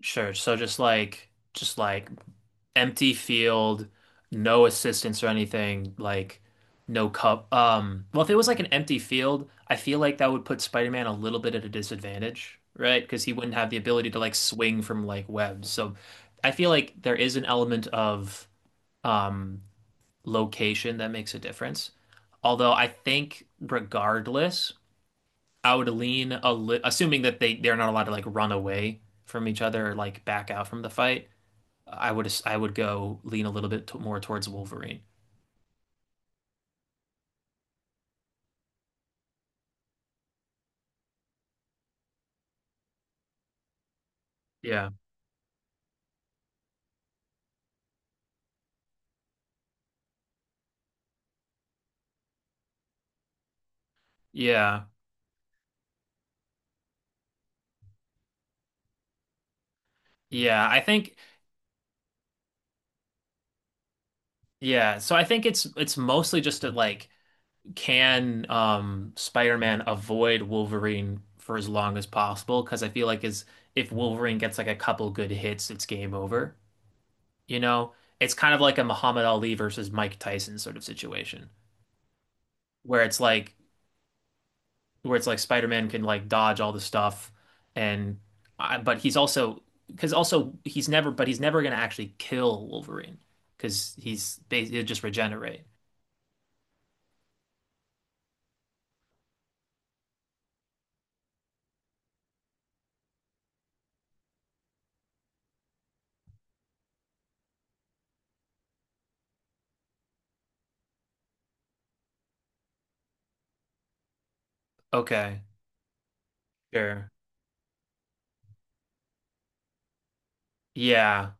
Sure. So just like empty field, no assistance or anything, like no cup. Well, if it was like an empty field, I feel like that would put Spider-Man a little bit at a disadvantage, right? Because he wouldn't have the ability to like swing from like webs. So I feel like there is an element of um location that makes a difference. Although I think regardless, I would lean a li assuming that they're not allowed to like run away from each other or like back out from the fight. I would go lean a little bit t more towards Wolverine. Yeah. Yeah. Yeah, I think. Yeah. So I think it's mostly just that like, can Spider-Man avoid Wolverine for as long as possible? Because I feel like is if Wolverine gets like a couple good hits, it's game over. You know? It's kind of like a Muhammad Ali versus Mike Tyson sort of situation where it's like where it's like Spider-Man can like dodge all the stuff, and but he's also, because also he's never gonna actually kill Wolverine, because he'll just regenerate. Okay, sure. Yeah,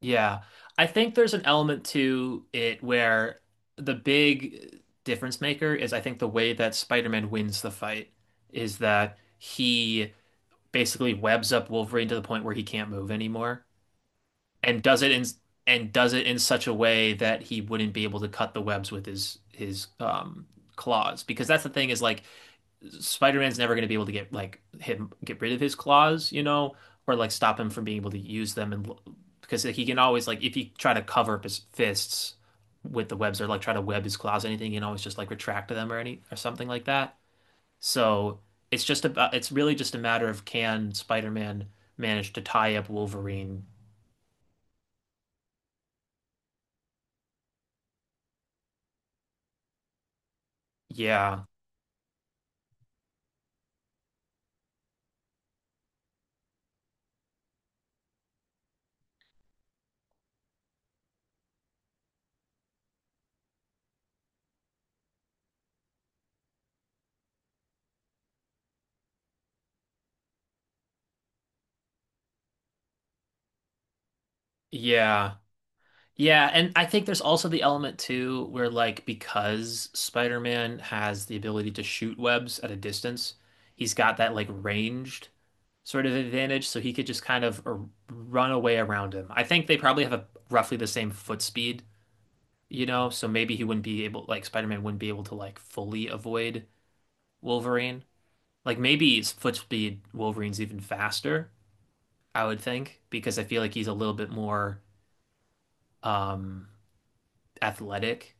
yeah. I think there's an element to it where the big difference maker is, I think, the way that Spider-Man wins the fight is that he basically webs up Wolverine to the point where he can't move anymore, and does it in and does it in such a way that he wouldn't be able to cut the webs with his claws, because that's the thing, is like Spider-Man's never going to be able to get like him get rid of his claws, you know, or like stop him from being able to use them. And because he can always like, if he try to cover up his fists with the webs or like try to web his claws or anything, he can always just like retract them or something like that. So it's really just a matter of, can Spider-Man manage to tie up Wolverine? Yeah, yeah. Yeah, and I think there's also the element too where, like, because Spider-Man has the ability to shoot webs at a distance, he's got that like ranged sort of advantage, so he could just kind of run away around him. I think they probably have a roughly the same foot speed, you know, so maybe he wouldn't be able like Spider-Man wouldn't be able to like fully avoid Wolverine. Like maybe his foot speed Wolverine's even faster, I would think, because I feel like he's a little bit more um athletic,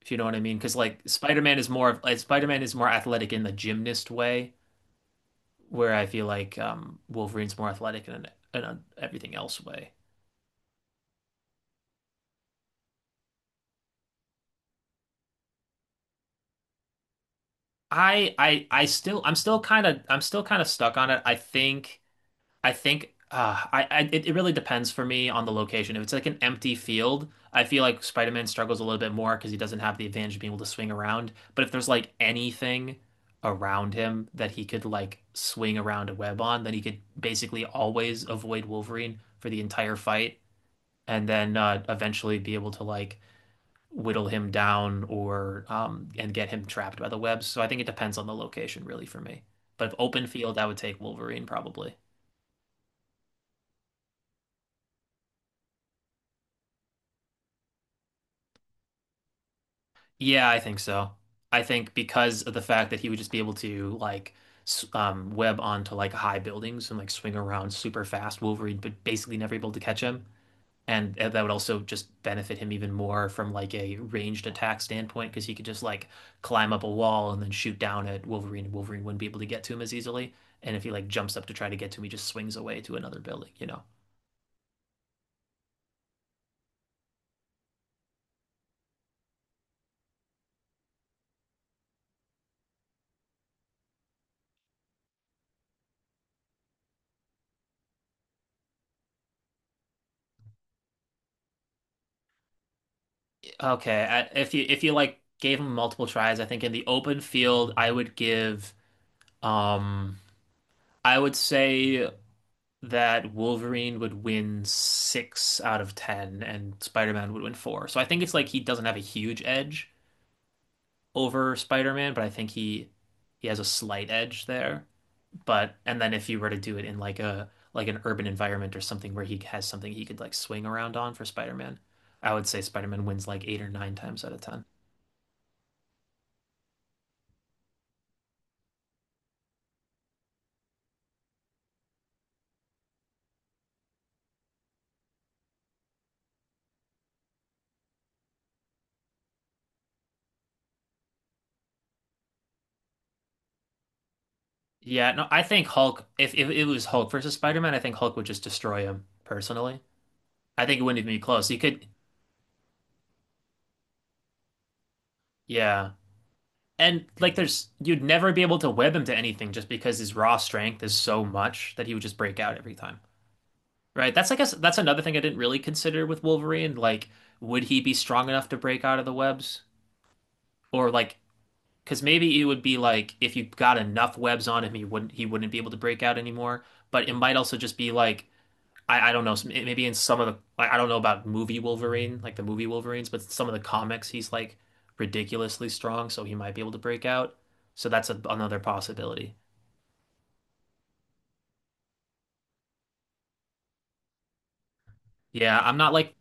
if you know what I mean. Because like Spider-Man is more athletic in the gymnast way, where I feel like Wolverine's more athletic in an everything else way. I'm still kind of stuck on it. I think I it really depends for me on the location. If it's like an empty field, I feel like Spider-Man struggles a little bit more because he doesn't have the advantage of being able to swing around. But if there's like anything around him that he could like swing around a web on, then he could basically always avoid Wolverine for the entire fight, and then eventually be able to like whittle him down, or and get him trapped by the webs. So I think it depends on the location really for me. But if open field, I would take Wolverine probably. Yeah, I think so. I think because of the fact that he would just be able to like web onto like high buildings and like swing around super fast, Wolverine but basically never able to catch him. And that would also just benefit him even more from like a ranged attack standpoint, because he could just like climb up a wall and then shoot down at Wolverine, and Wolverine wouldn't be able to get to him as easily. And if he like jumps up to try to get to him, he just swings away to another building, you know. Okay, if you like gave him multiple tries, I think in the open field um I would say that Wolverine would win six out of 10, and Spider-Man would win four. So I think it's like he doesn't have a huge edge over Spider-Man, but I think he has a slight edge there. But and then if you were to do it in like a like an urban environment or something, where he has something he could like swing around on for Spider-Man, I would say Spider-Man wins like eight or nine times out of 10. Yeah, no, I think Hulk. If it was Hulk versus Spider-Man, I think Hulk would just destroy him personally. I think it wouldn't even be close. He could, yeah. And like, there's you'd never be able to web him to anything, just because his raw strength is so much that he would just break out every time. Right? That's I guess that's another thing I didn't really consider with Wolverine. Like, would he be strong enough to break out of the webs? Or like, because maybe it would be like, if you got enough webs on him, he wouldn't be able to break out anymore. But it might also just be like, I don't know, maybe in some of the, like, I don't know about movie Wolverine, like the movie Wolverines, but some of the comics, he's like ridiculously strong, so he might be able to break out. So that's another possibility. Yeah, I'm not like.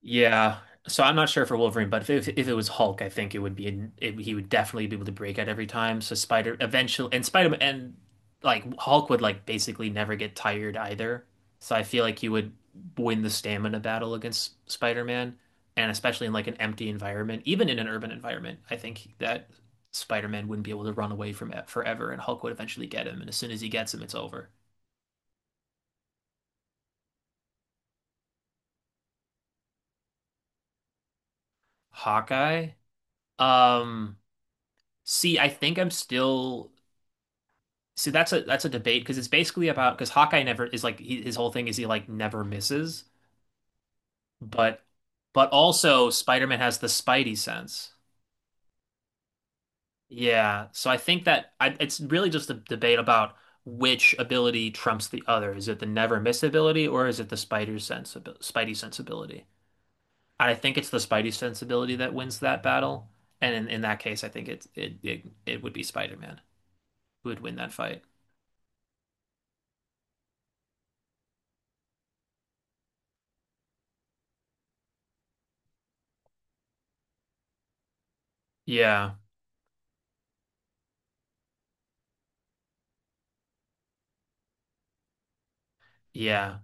Yeah. So I'm not sure for Wolverine, but if, it was Hulk, I think it would be an, it, he would definitely be able to break out every time. So Spider eventually and Spider and like Hulk would like basically never get tired either. So I feel like he would win the stamina battle against Spider-Man, and especially in like an empty environment, even in an urban environment. I think that Spider-Man wouldn't be able to run away from it forever, and Hulk would eventually get him, and as soon as he gets him, it's over. Hawkeye? Um See, I think I'm still. So that's a debate, because it's basically about, because Hawkeye never is, like, his whole thing is he like never misses, but also Spider-Man has the Spidey sense. Yeah, so I think that, it's really just a debate about which ability trumps the other. Is it the never miss ability, or is it the spider sense Spidey sensibility? And I think it's the Spidey sensibility that wins that battle. And in that case, I think it would be Spider-Man who would win that fight. Yeah, yeah,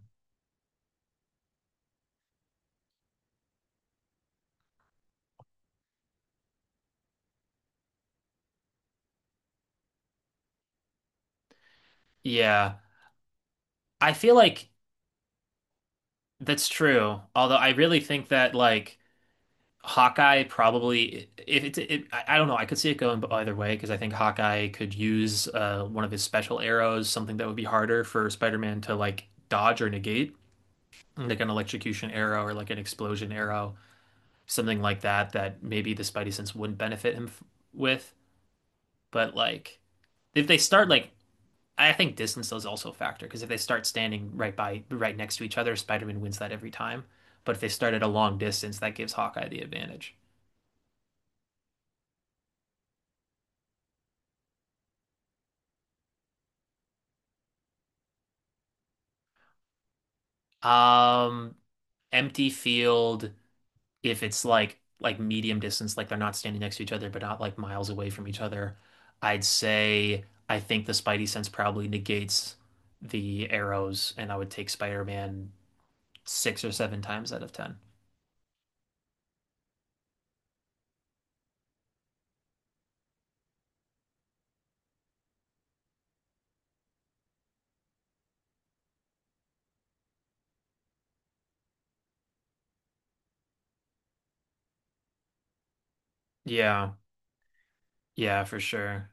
yeah. I feel like. That's true. Although I really think that, like, Hawkeye probably, if it's it, I don't know, I could see it going either way, because I think Hawkeye could use one of his special arrows, something that would be harder for Spider-Man to like dodge or negate, like an electrocution arrow or like an explosion arrow, something like that, that maybe the Spidey sense wouldn't benefit him f with, but like, if they start like I think distance is also a factor, because if they start standing right next to each other, Spider-Man wins that every time. But if they start at a long distance, that gives Hawkeye the advantage. Um, empty field, if it's like medium distance, like they're not standing next to each other, but not like miles away from each other, I think the Spidey sense probably negates the arrows, and I would take Spider-Man six or seven times out of 10. Yeah, yeah, for sure.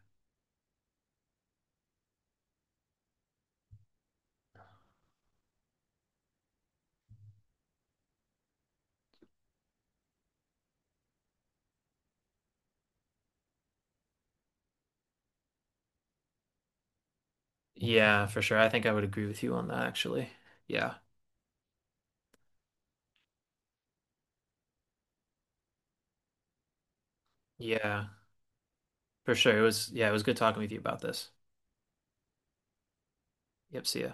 Yeah, for sure. I think I would agree with you on that, actually. Yeah, yeah, for sure. It was, yeah, it was good talking with you about this. Yep, see ya.